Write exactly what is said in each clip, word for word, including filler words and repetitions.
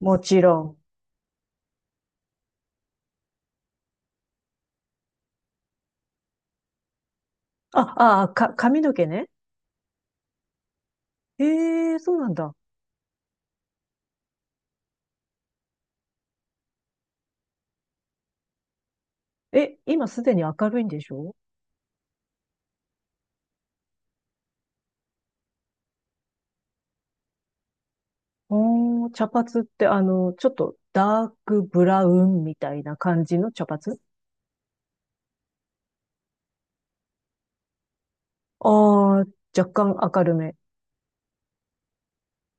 もちろん。あ、ああか、髪の毛ね。ええ、そうなんだ。え、今すでに明るいんでしょおー、茶髪ってあの、ちょっとダークブラウンみたいな感じの茶髪？ああー、若干明るめ。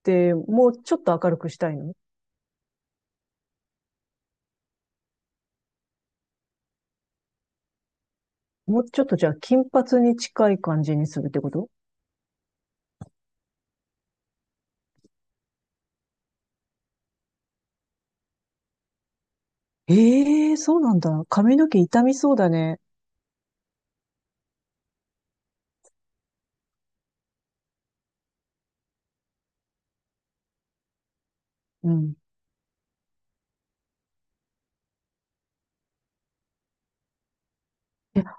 で、もうちょっと明るくしたいの？もうちょっとじゃあ金髪に近い感じにするってこと？ええ、そうなんだ。髪の毛傷みそうだね。うん。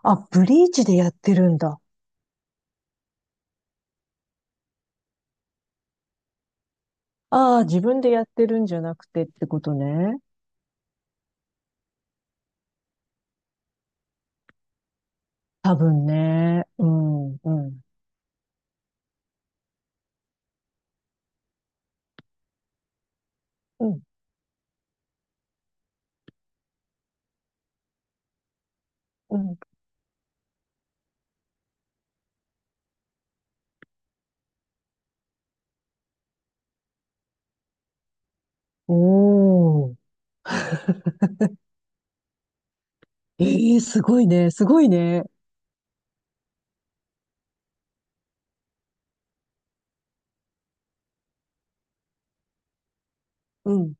あ、ブリーチでやってるんだ。ああ、自分でやってるんじゃなくてってことね。多分ね。うん、うん。うん、うん。おー。ええ、すごいね。すごいね。うん。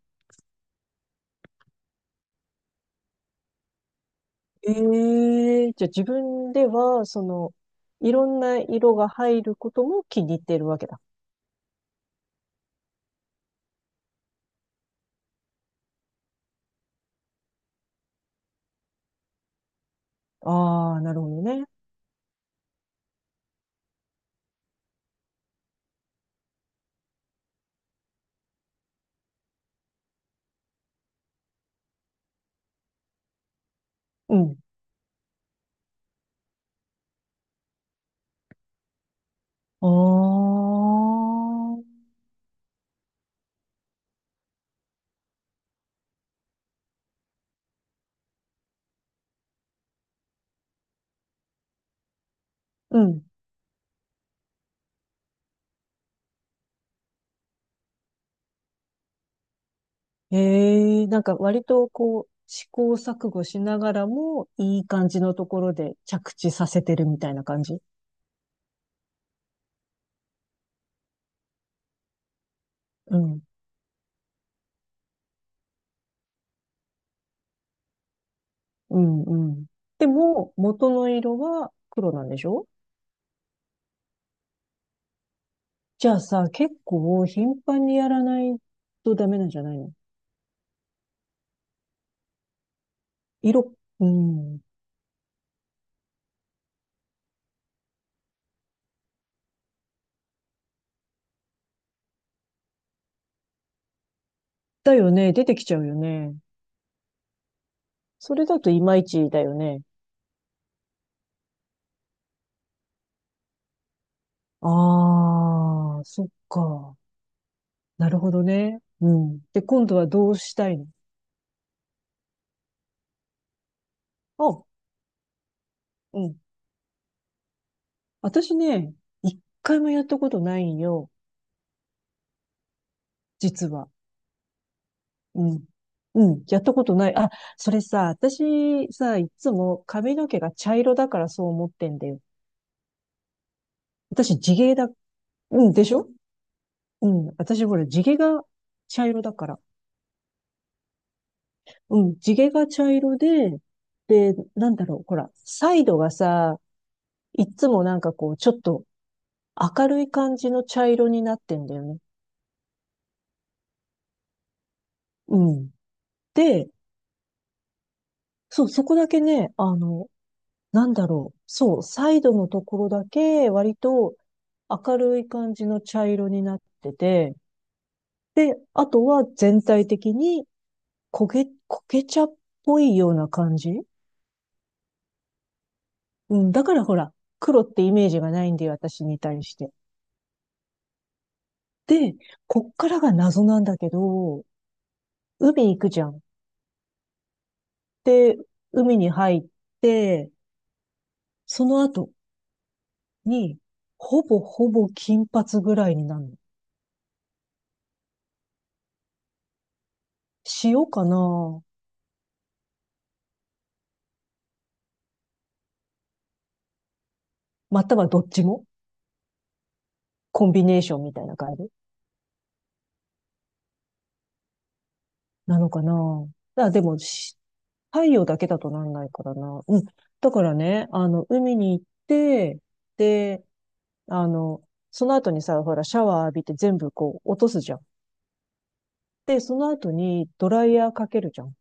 ええ、じゃあ自分では、その、いろんな色が入ることも気に入っているわけだ。ああ、なるほどね。うん、ああ、うん。ええ、なんか割とこう、試行錯誤しながらも、いい感じのところで着地させてるみたいな感じ。うん。うんうん。でも、元の色は黒なんでしょじゃあさ、結構頻繁にやらないとダメなんじゃないの？色、うん。だよね。出てきちゃうよね。それだといまいちだよね。ああ、そっか。なるほどね。うん。で、今度はどうしたいの？あ、うん。私ね、一回もやったことないんよ。実は。うん。うん。やったことない。あ、それさ、私さ、いつも髪の毛が茶色だからそう思ってんだよ。私地毛だ。うん、でしょう？ん。私ほら、地毛が茶色だから。うん。地毛が茶色で、で、なんだろう。ほら、サイドがさ、いつもなんかこう、ちょっと明るい感じの茶色になってんだよね。うん。で、そう、そこだけね、あの、なんだろう。そう、サイドのところだけ割と明るい感じの茶色になってて、で、あとは全体的に焦げ、焦げ茶っぽいような感じ。うん、だからほら、黒ってイメージがないんで、私に対して。で、こっからが謎なんだけど、海行くじゃん。で、海に入って、その後に、ほぼほぼ金髪ぐらいになるの。塩かな？またはどっちもコンビネーションみたいな感じなのかな。あ、でも、し太陽だけだとなんないからな。うん。だからね、あの、海に行って、で、あの、その後にさ、ほら、シャワー浴びて全部こう落とすじゃん。で、その後にドライヤーかけるじゃん。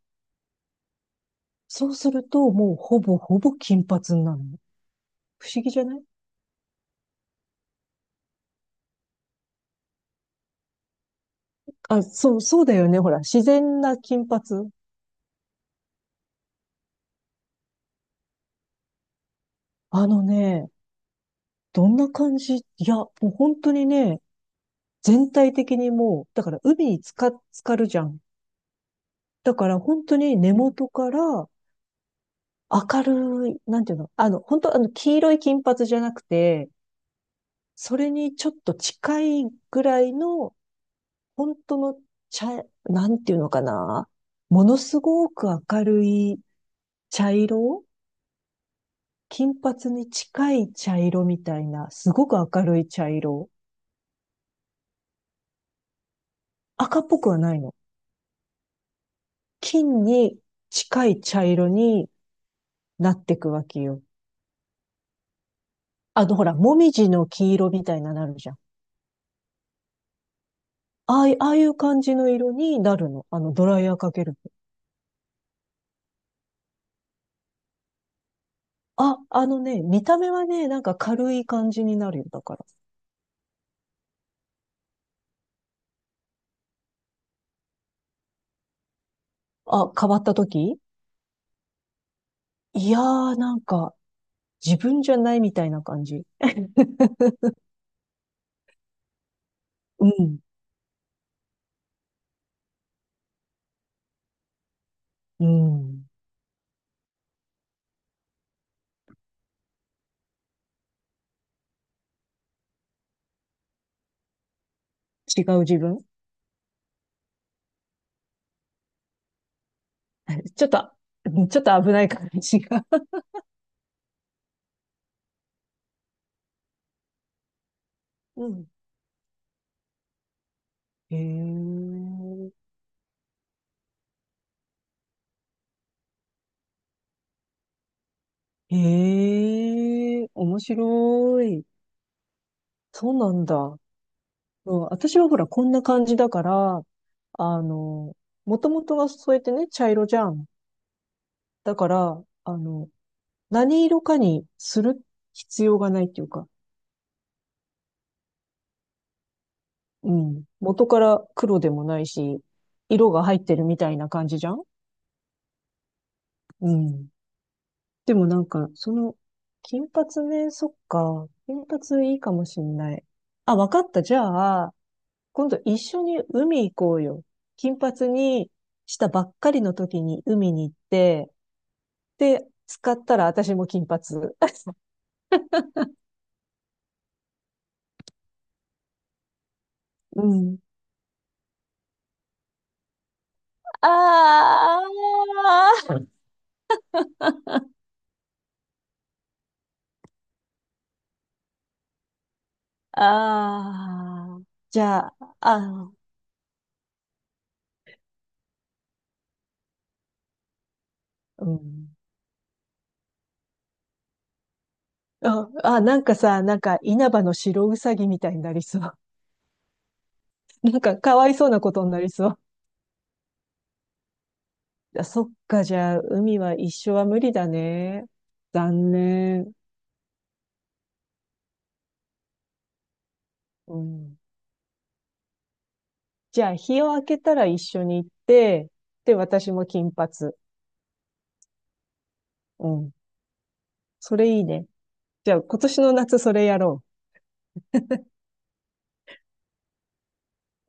そうすると、もうほぼほぼ金髪になるの。不思議じゃない？あ、そう、そうだよね。ほら、自然な金髪。あのね、どんな感じいや、もう本当にね、全体的にもう、だから海につか、浸かるじゃん。だから本当に根元から明るい、なんていうの、あの、本当あの、黄色い金髪じゃなくて、それにちょっと近いぐらいの、本当の茶、なんていうのかな。ものすごく明るい茶色、金髪に近い茶色みたいな、すごく明るい茶色。赤っぽくはないの。金に近い茶色になっていくわけよ。あの、ほら、もみじの黄色みたいななるじゃん。ああい、ああいう感じの色になるの。あの、ドライヤーかけると。あ、あのね、見た目はね、なんか軽い感じになるよ。だから。あ、変わった時？いやー、なんか、自分じゃないみたいな感じ。うん。うん。違う自分。 ちょっと、うん、ちょっと危ない感じが。うん。へえ。へえ、面白い。そうなんだ。うん、私はほら、こんな感じだから、あの、もともとがそうやってね、茶色じゃん。だから、あの、何色かにする必要がないっていうか、うん。元から黒でもないし、色が入ってるみたいな感じじゃん。うん。でもなんか、その、金髪ね、そっか。金髪いいかもしんない。あ、わかった。じゃあ、今度一緒に海行こうよ。金髪にしたばっかりの時に海に行って、で、使ったら私も金髪。うん。ああ、ああ、じゃあ、ああ、うん。あ、あ、なんかさ、なんか稲葉の白うさぎみたいになりそう。なんかかわいそうなことになりそう。あ、そっか、じゃあ、海は一緒は無理だね。残念。うん。じゃあ、日を明けたら一緒に行って、で、私も金髪。うん。それいいね。じゃあ、今年の夏それやろ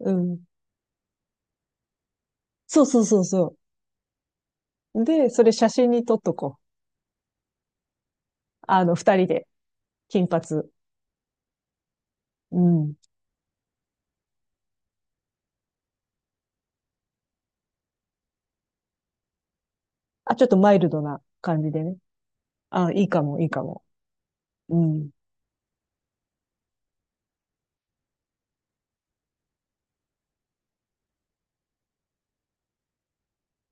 う。うん。そうそうそうそう。で、それ写真に撮っとこう。あの、二人で、金髪。うん。あ、ちょっとマイルドな感じでね。あ、いいかも、いいかも。うん。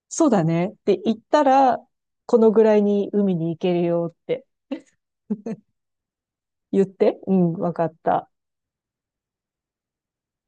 そうだね。って言ったら、このぐらいに海に行けるよって言って、うん、わかった。